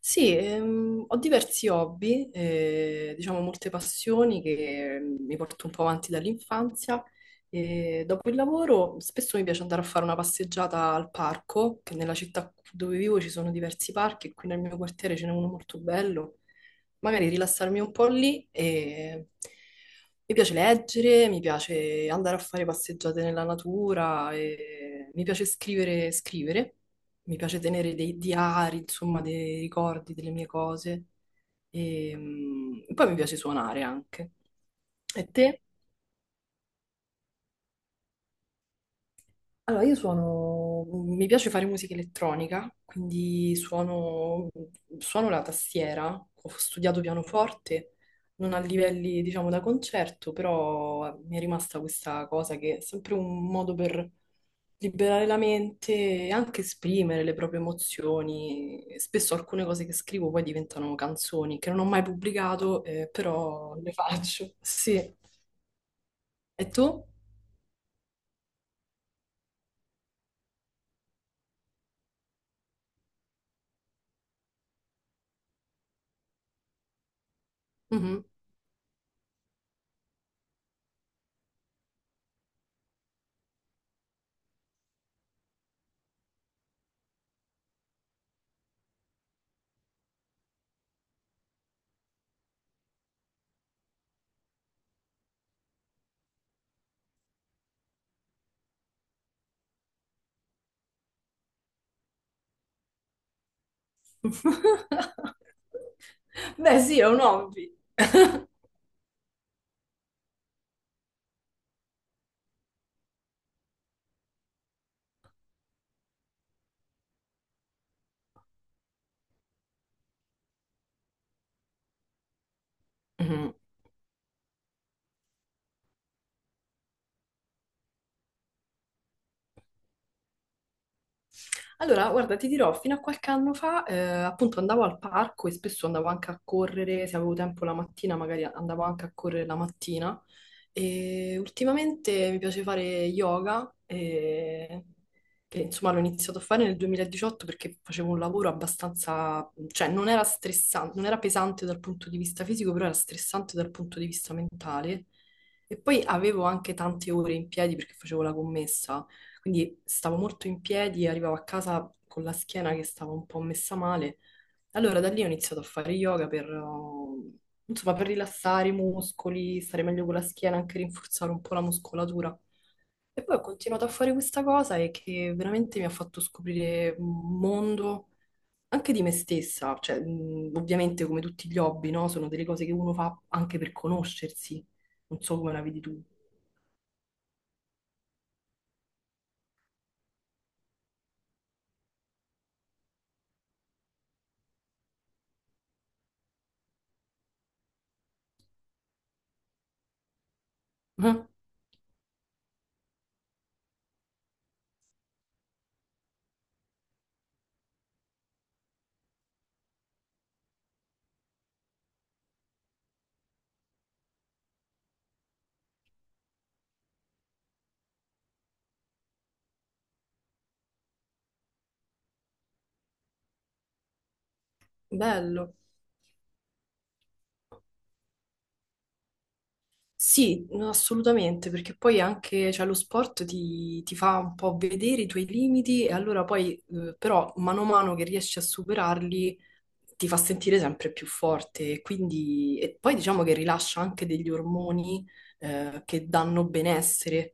Sì, ho diversi hobby, diciamo molte passioni che mi porto un po' avanti dall'infanzia. E dopo il lavoro spesso mi piace andare a fare una passeggiata al parco, che nella città dove vivo ci sono diversi parchi e qui nel mio quartiere ce n'è uno molto bello. Magari rilassarmi un po' lì e mi piace leggere, mi piace andare a fare passeggiate nella natura, e mi piace scrivere. Mi piace tenere dei diari, insomma, dei ricordi delle mie cose. E, poi mi piace suonare anche. E te? Allora, io mi piace fare musica elettronica, quindi suono la tastiera, ho studiato pianoforte, non a livelli, diciamo, da concerto, però mi è rimasta questa cosa che è sempre un modo per liberare la mente e anche esprimere le proprie emozioni. Spesso alcune cose che scrivo poi diventano canzoni che non ho mai pubblicato, però le faccio. Sì. E tu? Mhm. Beh, sì, è un hobby. Mhm. Allora, guarda, ti dirò, fino a qualche anno fa, appunto andavo al parco e spesso andavo anche a correre, se avevo tempo la mattina, magari andavo anche a correre la mattina. E ultimamente mi piace fare yoga, che insomma l'ho iniziato a fare nel 2018 perché facevo un lavoro abbastanza, cioè non era stressante, non era pesante dal punto di vista fisico, però era stressante dal punto di vista mentale. E poi avevo anche tante ore in piedi perché facevo la commessa, quindi stavo molto in piedi, arrivavo a casa con la schiena che stava un po' messa male. Allora da lì ho iniziato a fare yoga per, insomma, per rilassare i muscoli, stare meglio con la schiena, anche rinforzare un po' la muscolatura. E poi ho continuato a fare questa cosa e che veramente mi ha fatto scoprire un mondo anche di me stessa, cioè, ovviamente come tutti gli hobby, no? Sono delle cose che uno fa anche per conoscersi. Non so come la vedi tu. Ah, bello. Sì, no, assolutamente, perché poi anche cioè, lo sport ti fa un po' vedere i tuoi limiti e allora poi, però, mano a mano che riesci a superarli, ti fa sentire sempre più forte. E quindi, e poi diciamo che rilascia anche degli ormoni, che danno benessere.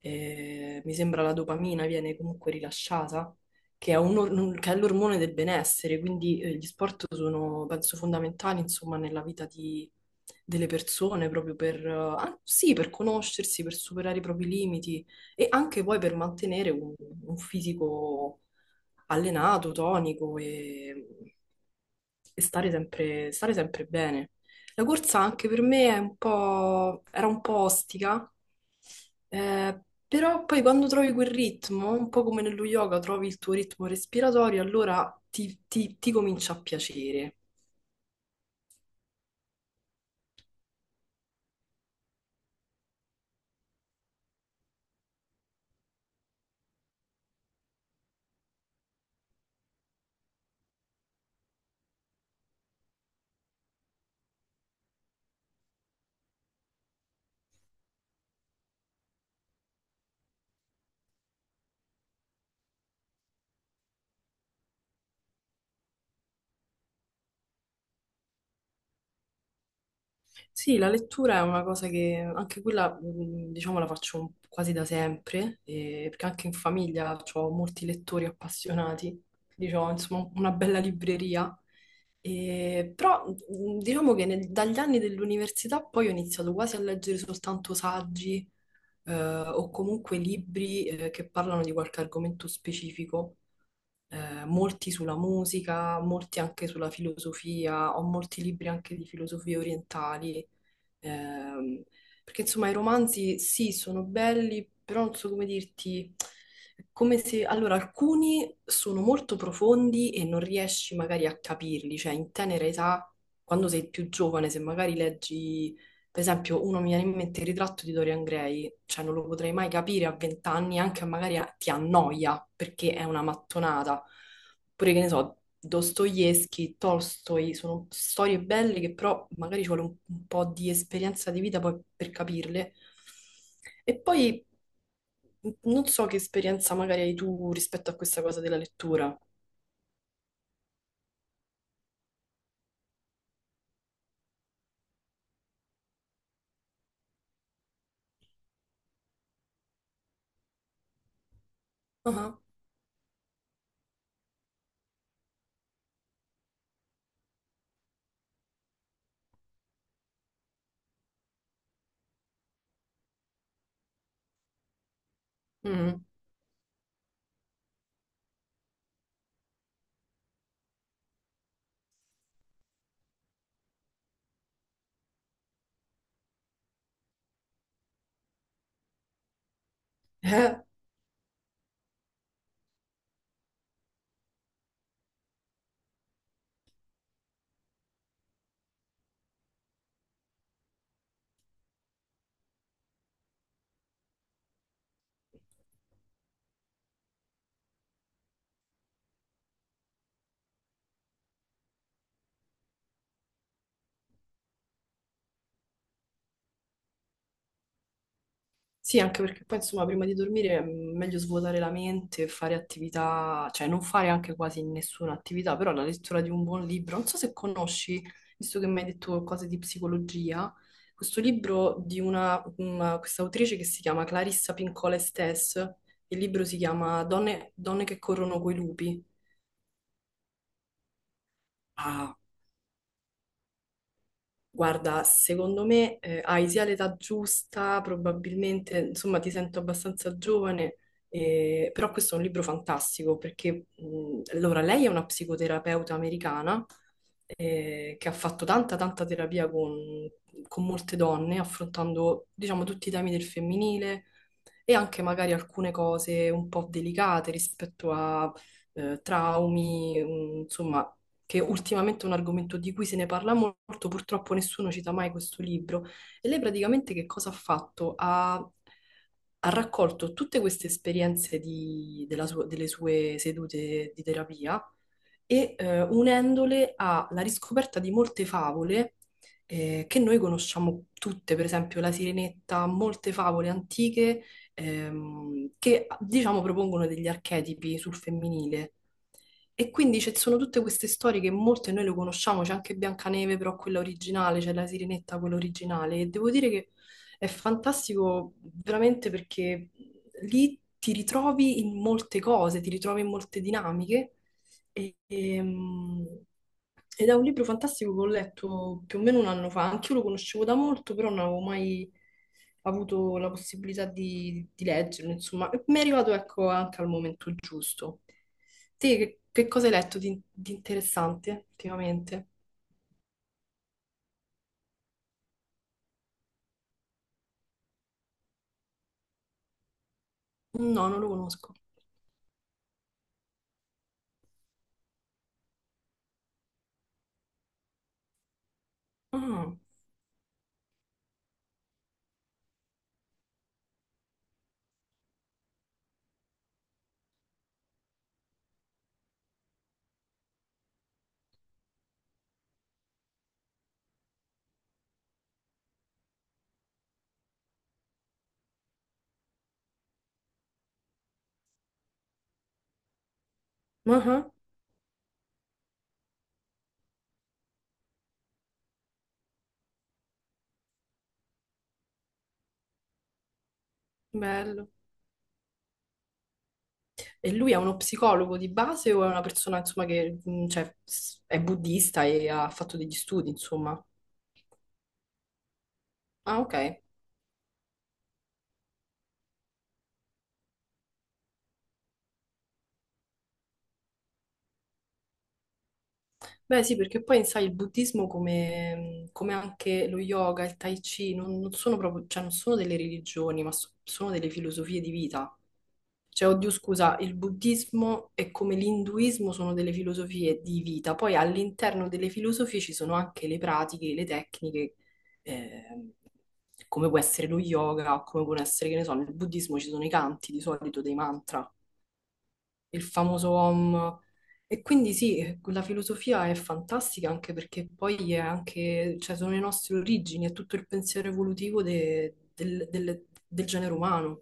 Mi sembra la dopamina viene comunque rilasciata, che è che è l'ormone del benessere, quindi gli sport sono, penso, fondamentali, insomma, nella vita delle persone, proprio per, ah, sì, per conoscersi, per superare i propri limiti e anche poi per mantenere un, fisico allenato, tonico e stare sempre bene. La corsa anche per me era un po' ostica, eh, però poi quando trovi quel ritmo, un po' come nello yoga, trovi il tuo ritmo respiratorio, allora ti comincia a piacere. Sì, la lettura è una cosa che anche quella, diciamo, la faccio quasi da sempre, perché anche in famiglia ho molti lettori appassionati, quindi ho insomma una bella libreria. Però diciamo che dagli anni dell'università poi ho iniziato quasi a leggere soltanto saggi, eh, o comunque libri che parlano di qualche argomento specifico, molti sulla musica, molti anche sulla filosofia, ho molti libri anche di filosofie orientali, ehm, perché insomma i romanzi sì, sono belli, però non so come dirti, è come se, allora alcuni sono molto profondi e non riesci magari a capirli, cioè in tenera età, quando sei più giovane, se magari leggi, per esempio, uno mi viene in mente Il ritratto di Dorian Gray, cioè non lo potrei mai capire a vent'anni, anche magari ti annoia perché è una mattonata. Oppure che ne so, Dostoevsky, Tolstoi, sono storie belle che però magari ci vuole un, po' di esperienza di vita poi per capirle. E poi non so che esperienza magari hai tu rispetto a questa cosa della lettura. Ah, ah, mm. Sì, anche perché poi insomma prima di dormire è meglio svuotare la mente, fare attività, cioè non fare anche quasi nessuna attività, però la lettura di un buon libro, non so se conosci, visto che mi hai detto cose di psicologia, questo libro di questa autrice che si chiama Clarissa Pincola Estés, il libro si chiama Donne, Donne che corrono coi lupi. Guarda, secondo me hai sia l'età giusta, probabilmente, insomma, ti sento abbastanza giovane, però questo è un libro fantastico perché, allora, lei è una psicoterapeuta americana che ha fatto tanta, tanta terapia con molte donne, affrontando, diciamo, tutti i temi del femminile e anche magari alcune cose un po' delicate rispetto a traumi, insomma, che ultimamente è un argomento di cui se ne parla molto, purtroppo nessuno cita mai questo libro. E lei praticamente che cosa ha fatto? Ha raccolto tutte queste esperienze delle sue sedute di terapia e unendole alla riscoperta di molte favole, che noi conosciamo tutte, per esempio la Sirenetta, molte favole antiche, che diciamo propongono degli archetipi sul femminile. E quindi ci sono tutte queste storie che molte noi le conosciamo, c'è anche Biancaneve, però quella originale, c'è la Sirenetta, quella originale, e devo dire che è fantastico veramente perché lì ti ritrovi in molte cose, ti ritrovi in molte dinamiche, e- ehm, ed è un libro fantastico che ho letto più o meno un anno fa, anch'io lo conoscevo da molto, però non avevo mai avuto la possibilità di leggerlo, insomma, e mi è arrivato ecco anche al momento giusto. Te che cosa hai letto di interessante ultimamente? No, non lo conosco. Ah, ah, bello. E lui è uno psicologo di base o è una persona, insomma, che cioè, è buddista e ha fatto degli studi, insomma? Ah, ok. Beh, sì, perché poi, sai, il buddismo come anche lo yoga, il tai chi, non sono proprio, cioè, non sono delle religioni, ma sono delle filosofie di vita. Cioè, oddio, scusa, il buddismo e come l'induismo sono delle filosofie di vita, poi all'interno delle filosofie ci sono anche le pratiche, le tecniche, ehm, come può essere lo yoga, o come può essere, che ne so, nel buddismo ci sono i canti di solito dei mantra, il famoso Om. E quindi sì, la filosofia è fantastica anche perché poi è anche, cioè, sono le nostre origini, è tutto il pensiero evolutivo del genere umano.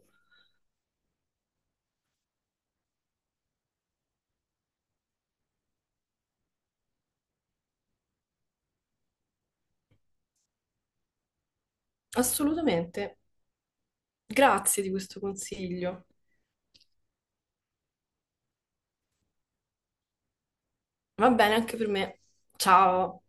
Assolutamente. Grazie di questo consiglio. Va bene anche per me. Ciao.